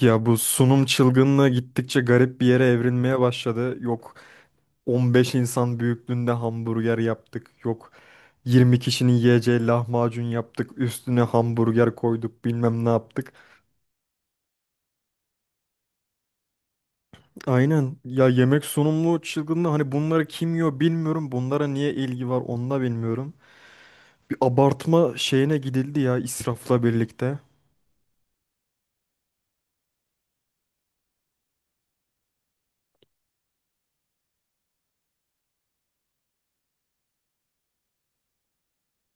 Ya bu sunum çılgınlığı gittikçe garip bir yere evrilmeye başladı. Yok 15 insan büyüklüğünde hamburger yaptık. Yok 20 kişinin yiyeceği lahmacun yaptık. Üstüne hamburger koyduk bilmem ne yaptık. Aynen ya yemek sunumlu çılgınlığı hani bunları kim yiyor bilmiyorum. Bunlara niye ilgi var onu da bilmiyorum. Bir abartma şeyine gidildi ya israfla birlikte.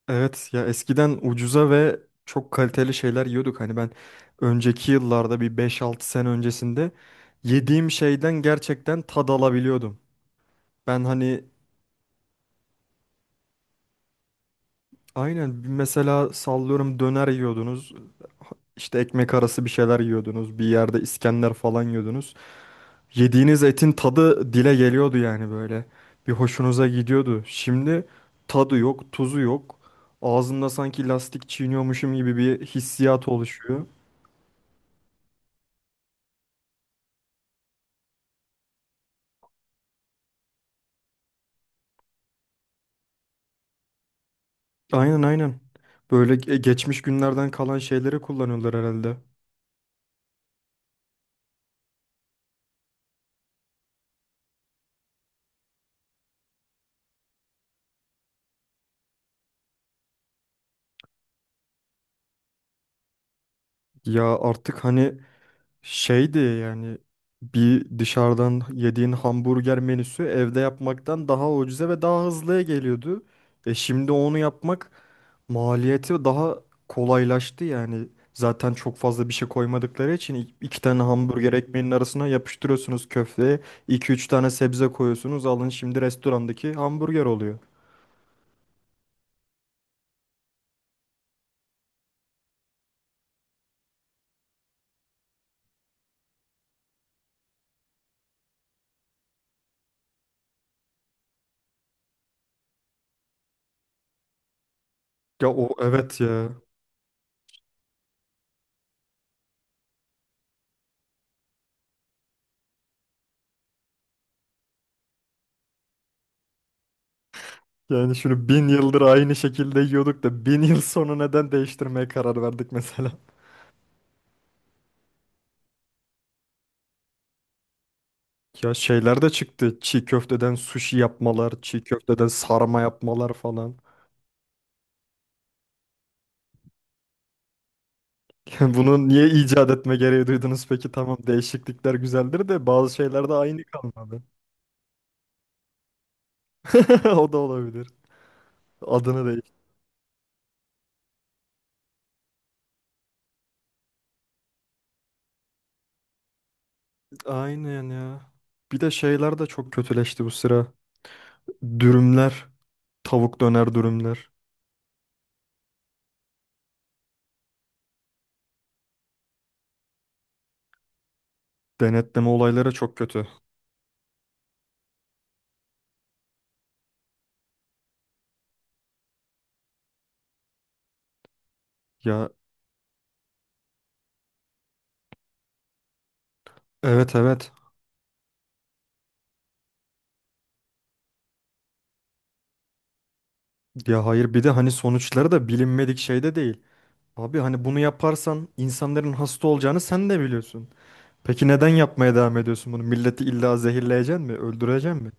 Evet ya eskiden ucuza ve çok kaliteli şeyler yiyorduk. Hani ben önceki yıllarda bir beş altı sene öncesinde yediğim şeyden gerçekten tad alabiliyordum. Ben hani aynen mesela sallıyorum döner yiyordunuz, işte ekmek arası bir şeyler yiyordunuz, bir yerde İskender falan yiyordunuz. Yediğiniz etin tadı dile geliyordu yani böyle. Bir hoşunuza gidiyordu. Şimdi tadı yok, tuzu yok. Ağzımda sanki lastik çiğniyormuşum gibi bir hissiyat oluşuyor. Aynen aynen. Böyle geçmiş günlerden kalan şeyleri kullanıyorlar herhalde. Ya artık hani şeydi yani bir dışarıdan yediğin hamburger menüsü evde yapmaktan daha ucuza ve daha hızlıya geliyordu. E şimdi onu yapmak maliyeti daha kolaylaştı yani. Zaten çok fazla bir şey koymadıkları için iki tane hamburger ekmeğinin arasına yapıştırıyorsunuz köfteye. İki üç tane sebze koyuyorsunuz. Alın şimdi restorandaki hamburger oluyor. Ya o evet ya. Yani şunu bin yıldır aynı şekilde yiyorduk da bin yıl sonra neden değiştirmeye karar verdik mesela? Ya şeyler de çıktı. Çiğ köfteden sushi yapmalar, çiğ köfteden sarma yapmalar falan. Yani bunu niye icat etme gereği duydunuz peki? Tamam değişiklikler güzeldir de bazı şeyler de aynı kalmadı. O da olabilir. Adını değiştir. Aynen ya. Bir de şeyler de çok kötüleşti bu sıra. Dürümler, tavuk döner dürümler. Denetleme olayları çok kötü. Ya evet evet. Ya hayır bir de hani sonuçları da bilinmedik şey de değil. Abi hani bunu yaparsan insanların hasta olacağını sen de biliyorsun. Peki neden yapmaya devam ediyorsun bunu? Milleti illa zehirleyecek mi? Öldürecek mi?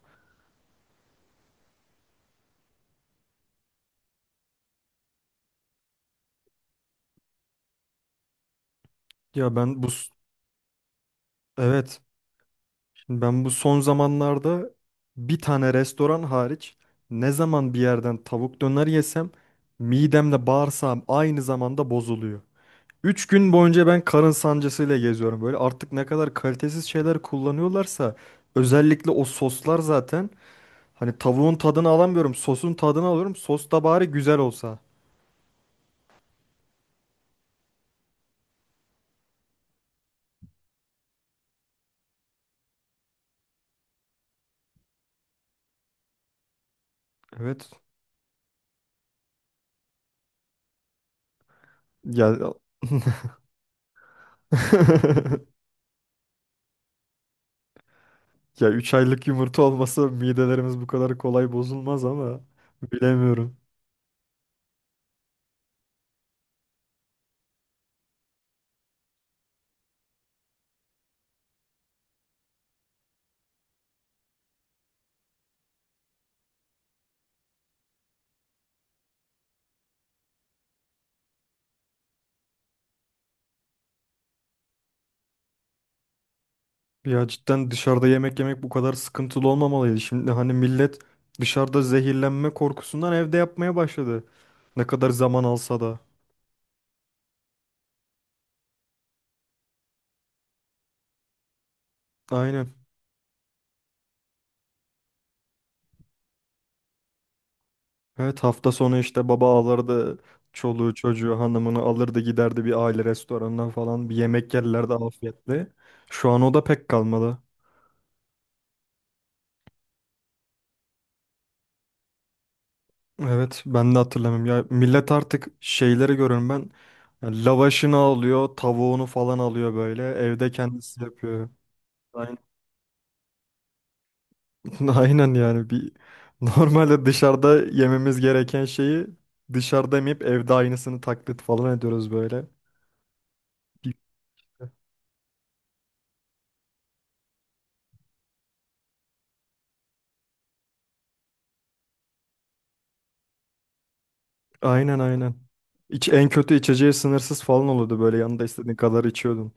Ya ben bu s- evet, şimdi ben bu son zamanlarda bir tane restoran hariç ne zaman bir yerden tavuk döner yesem midemle bağırsağım aynı zamanda bozuluyor. 3 gün boyunca ben karın sancısıyla geziyorum. Böyle artık ne kadar kalitesiz şeyler kullanıyorlarsa özellikle o soslar zaten. Hani tavuğun tadını alamıyorum. Sosun tadını alıyorum. Sos da bari güzel olsa. Evet. Ya ya 3 aylık yumurta olmasa midelerimiz bu kadar kolay bozulmaz ama bilemiyorum. Ya cidden dışarıda yemek yemek bu kadar sıkıntılı olmamalıydı. Şimdi hani millet dışarıda zehirlenme korkusundan evde yapmaya başladı. Ne kadar zaman alsa da. Aynen. Evet hafta sonu işte baba alırdı çoluğu çocuğu hanımını alırdı giderdi bir aile restoranına falan bir yemek yerlerdi afiyetle. Şu an o da pek kalmadı. Evet ben de hatırlamıyorum ya millet artık şeyleri görüyorum ben ya lavaşını alıyor tavuğunu falan alıyor böyle evde kendisi yapıyor. Aynen, aynen yani bir normalde dışarıda yememiz gereken şeyi dışarıda yemeyip evde aynısını taklit falan ediyoruz böyle. Aynen aynen. İç, en kötü içeceği sınırsız falan oluyordu böyle yanında istediğin kadar içiyordun.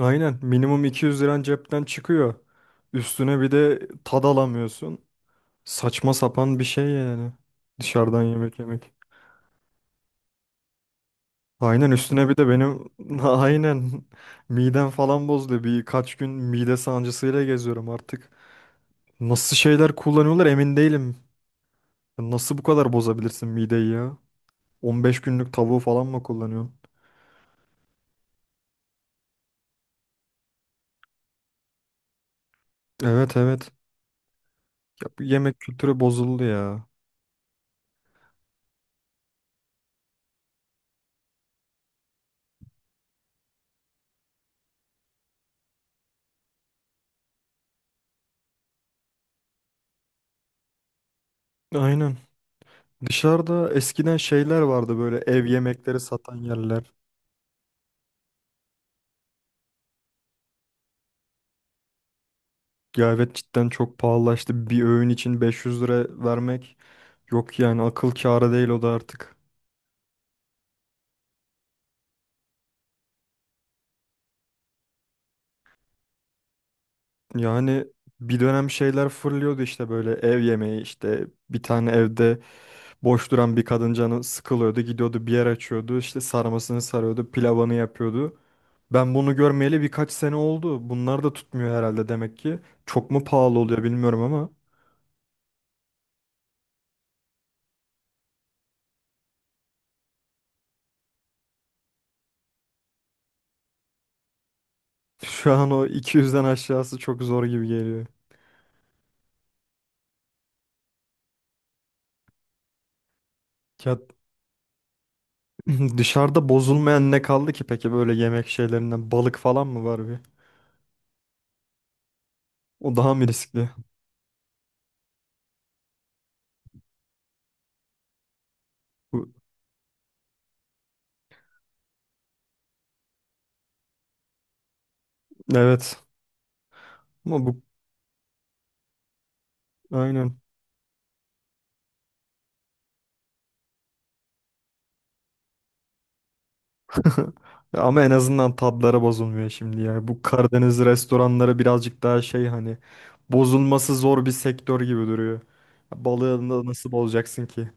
Aynen minimum 200 liran cepten çıkıyor. Üstüne bir de tad alamıyorsun. Saçma sapan bir şey yani. Dışarıdan yemek yemek. Aynen üstüne bir de benim aynen midem falan bozdu. Birkaç gün mide sancısıyla geziyorum artık. Nasıl şeyler kullanıyorlar emin değilim. Nasıl bu kadar bozabilirsin mideyi ya? 15 günlük tavuğu falan mı kullanıyorsun? Evet evet. Bu yemek kültürü bozuldu ya. Aynen. Dışarıda eskiden şeyler vardı böyle ev yemekleri satan yerler. Ya evet cidden çok pahalılaştı. Bir öğün için 500 lira vermek yok yani akıl kârı değil o da artık. Yani bir dönem şeyler fırlıyordu işte böyle ev yemeği işte bir tane evde boş duran bir kadın canı sıkılıyordu gidiyordu bir yer açıyordu işte sarmasını sarıyordu pilavını yapıyordu. Ben bunu görmeyeli birkaç sene oldu. Bunlar da tutmuyor herhalde demek ki. Çok mu pahalı oluyor bilmiyorum ama şu an o 200'den aşağısı çok zor gibi geliyor. Ya dışarıda bozulmayan ne kaldı ki peki böyle yemek şeylerinden balık falan mı var bir? O daha mı riskli? Bu, evet. Ama bu aynen. Ama en azından tadları bozulmuyor şimdi ya. Bu Karadeniz restoranları birazcık daha şey hani bozulması zor bir sektör gibi duruyor. Balığı nasıl bozacaksın ki?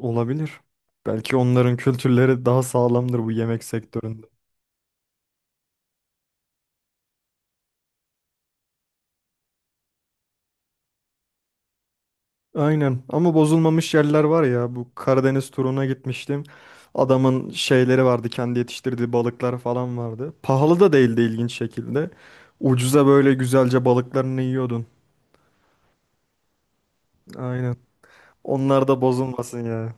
Olabilir. Belki onların kültürleri daha sağlamdır bu yemek sektöründe. Aynen ama bozulmamış yerler var ya bu Karadeniz turuna gitmiştim. Adamın şeyleri vardı kendi yetiştirdiği balıklar falan vardı. Pahalı da değildi ilginç şekilde. Ucuza böyle güzelce balıklarını yiyordun. Aynen. Onlar da bozulmasın ya.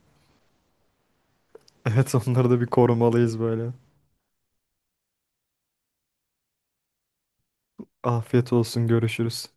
Evet onları da bir korumalıyız böyle. Afiyet olsun görüşürüz.